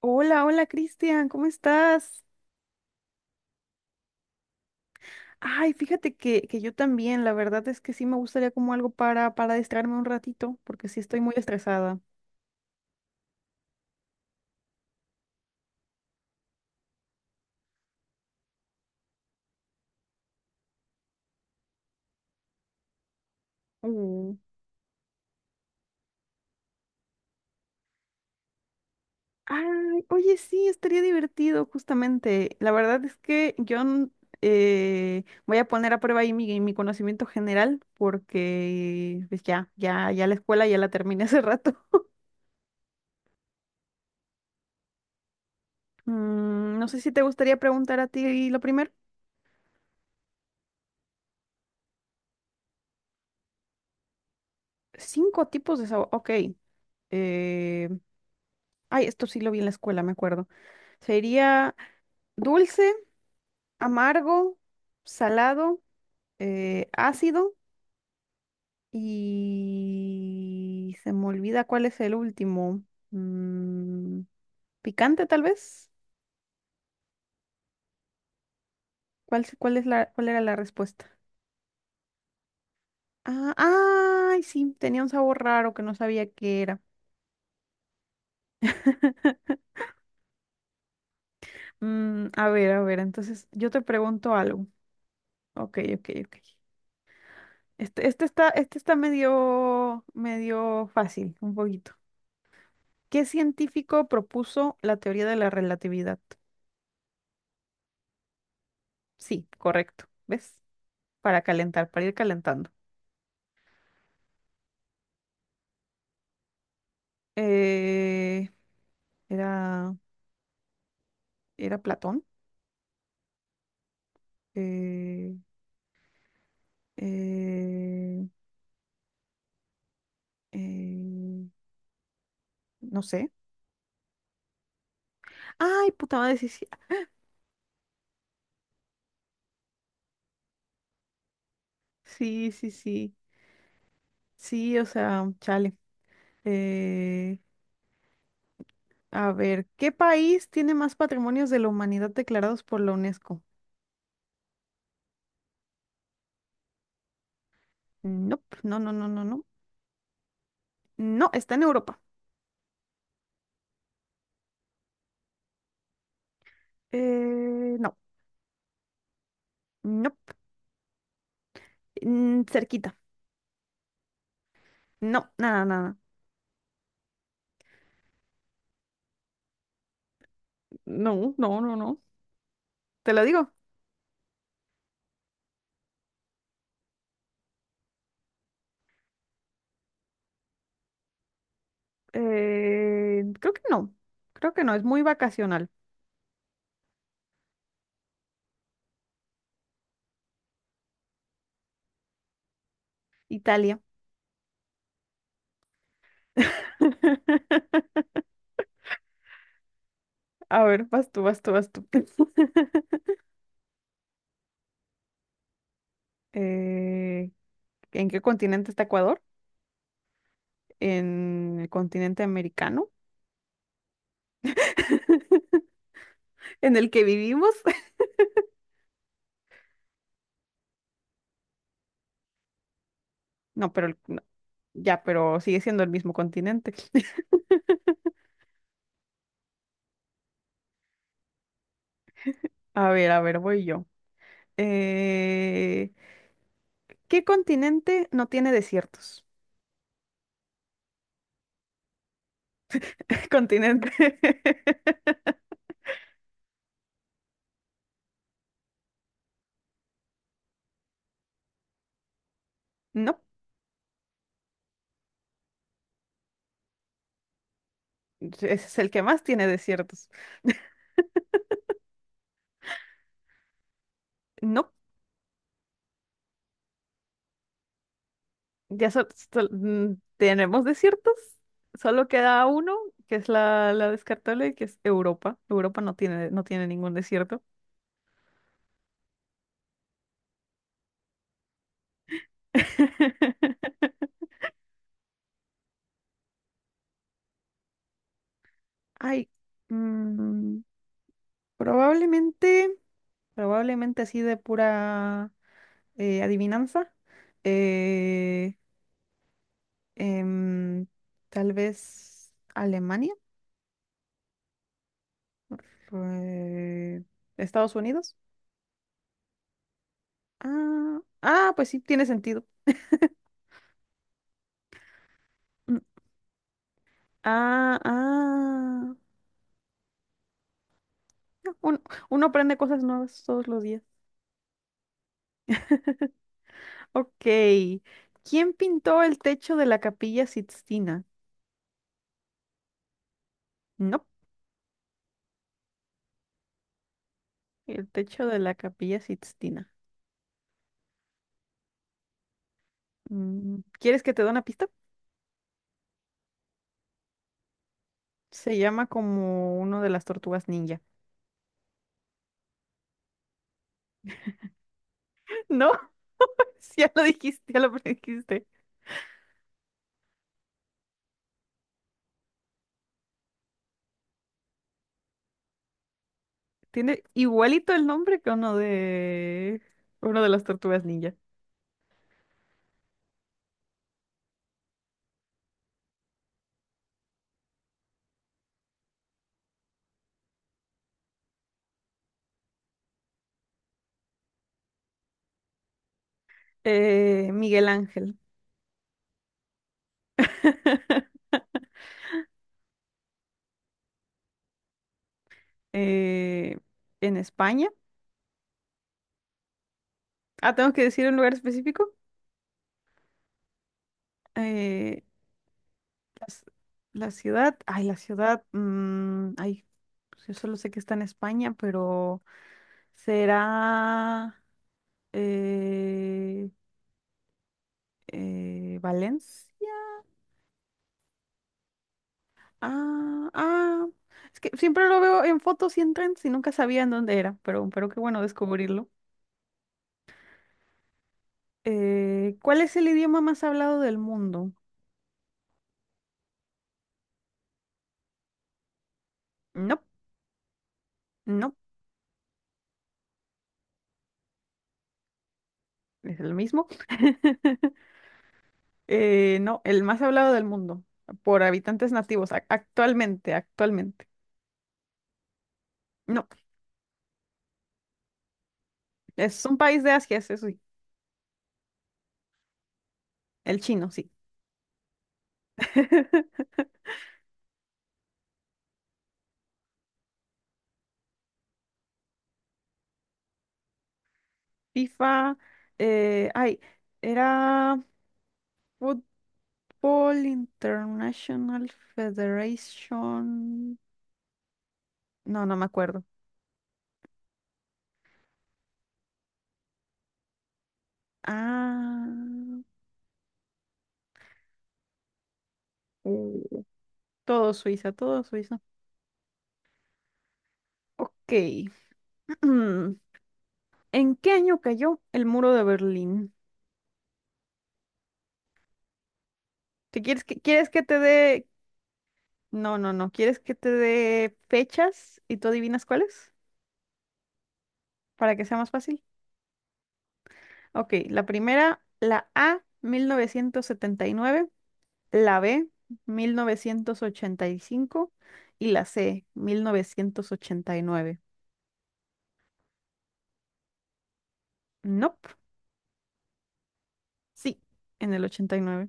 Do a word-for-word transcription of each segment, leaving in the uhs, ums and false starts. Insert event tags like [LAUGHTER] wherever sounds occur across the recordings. Hola, hola Cristian, ¿cómo estás? Ay, fíjate que, que yo también, la verdad es que sí me gustaría como algo para, para distraerme un ratito, porque sí estoy muy estresada. Mm. Ay, oye, sí, estaría divertido, justamente. La verdad es que yo n- eh, voy a poner a prueba ahí mi, mi, conocimiento general, porque pues ya, ya, ya la escuela ya la terminé hace rato. [LAUGHS] Mm, no sé si te gustaría preguntar a ti lo primero. Cinco tipos de sabor, ok. Eh, Ay, esto sí lo vi en la escuela, me acuerdo. Sería dulce, amargo, salado, eh, ácido y se me olvida cuál es el último. Mm, picante, tal vez. ¿Cuál, se- cuál es la, cuál era la respuesta? Ah, ay, sí, tenía un sabor raro que no sabía qué era. [LAUGHS] Mm, a ver, a ver, entonces yo te pregunto algo. Ok, ok, ok. Este, este está, este está medio, medio fácil, un poquito. ¿Qué científico propuso la teoría de la relatividad? Sí, correcto. ¿Ves? Para calentar, para ir calentando. Eh, era, era Platón. Eh, eh, eh, no sé. Ay, puta madre, sí, sí. Sí, sí, sí. Sí, o sea, chale. Eh, a ver, ¿qué país tiene más patrimonios de la humanidad declarados por la UNESCO? Nope, no, no, no, no, no. No, está en Europa. Eh, no. No. Mm, cerquita. No, nada, nada. No, no, no, no. Te lo digo. Eh, creo que no. Creo que no. Es muy vacacional. Italia. [LAUGHS] A ver, vas tú, vas tú, vas tú. [LAUGHS] Eh, ¿en qué continente está Ecuador? ¿En el continente americano? ¿En el que vivimos? [LAUGHS] No, pero el- no, ya, pero sigue siendo el mismo continente. [LAUGHS] A ver, a ver, voy yo. Eh, ¿qué continente no tiene desiertos? [LAUGHS] Continente. [LAUGHS] No, ese es el que más tiene desiertos. No, ya sol- sol- mm, tenemos desiertos. Solo queda uno, que es la, la descartable, que es Europa. Europa no tiene, no tiene ningún desierto. [LAUGHS] Ay, mm, probablemente, probablemente así de pura eh, adivinanza. eh, em, tal vez Alemania, eh, Estados Unidos. Ah, ah, pues sí, tiene sentido. [LAUGHS] Mm, ah, ah. Uno, uno aprende cosas nuevas todos los días. Ok. ¿Quién pintó el techo de la Capilla Sixtina? No, el techo de la Capilla Sixtina. Mm, ¿Quieres que te dé una pista? Se llama como uno de las tortugas ninja. [LAUGHS] No, [LAUGHS] sí, ya lo dijiste, ya lo dijiste. Tiene igualito el nombre que uno de uno de las tortugas ninja. Eh, Miguel Ángel. eh, en España. Ah, tengo que decir un lugar específico. Eh, las- la ciudad, ay, la ciudad, mm, ay, pues yo solo sé que está en España, pero será eh, eh, Valencia. Ah, ah, es que siempre lo veo en fotos y en trends y nunca sabía en dónde era, pero, pero qué bueno descubrirlo. Eh, ¿cuál es el idioma más hablado del mundo? No, no, es el mismo. [LAUGHS] Eh, no, el más hablado del mundo por habitantes nativos ac- actualmente, actualmente. No, es un país de Asia, eso sí. El chino, sí. [LAUGHS] FIFA, eh, ay, era Football International Federation. No, no me acuerdo. Ah, uh, todo Suiza, todo Suiza. Ok. [CLEARS THROAT] ¿En qué año cayó el muro de Berlín? ¿Te quieres que, quieres que te dé? No, no, no. ¿Quieres que te dé fechas y tú adivinas cuáles? Para que sea más fácil. Ok, la primera, la A, mil novecientos setenta y nueve, la B, mil novecientos ochenta y cinco y la C, mil novecientos ochenta y nueve. Nope. Sí, en el ochenta y nueve.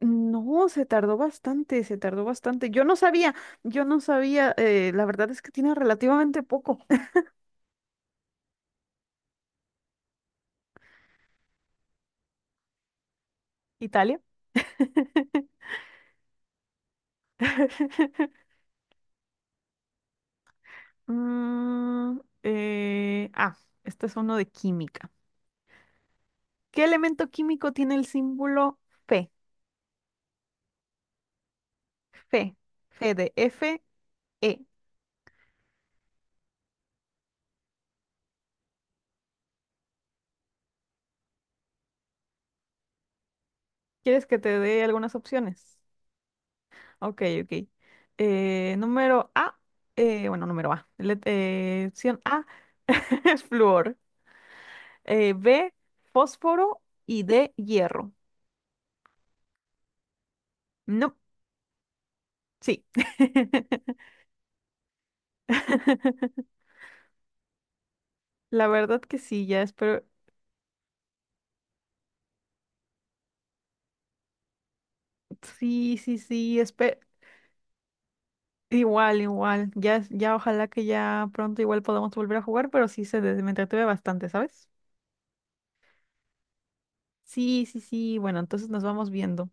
No, se tardó bastante, se tardó bastante. Yo no sabía, yo no sabía, eh, la verdad es que tiene relativamente poco. [LAUGHS] Italia. [LAUGHS] Mm, eh, ah, este es uno de química. ¿Qué elemento químico tiene el símbolo Fe? Fe, Fe de F, E. ¿Quieres que te dé algunas opciones? Ok, ok. Eh, número A, eh, bueno, número A. let- eh, opción A [LAUGHS] es flúor. Eh, B, fósforo y D, hierro. No, sí. [LAUGHS] La verdad que sí, ya espero. Sí, sí, sí, espero. Igual, igual. Ya, ya ojalá que ya pronto igual podamos volver a jugar, pero sí se des- me entretuve bastante, ¿sabes? Sí, sí, sí. Bueno, entonces nos vamos viendo.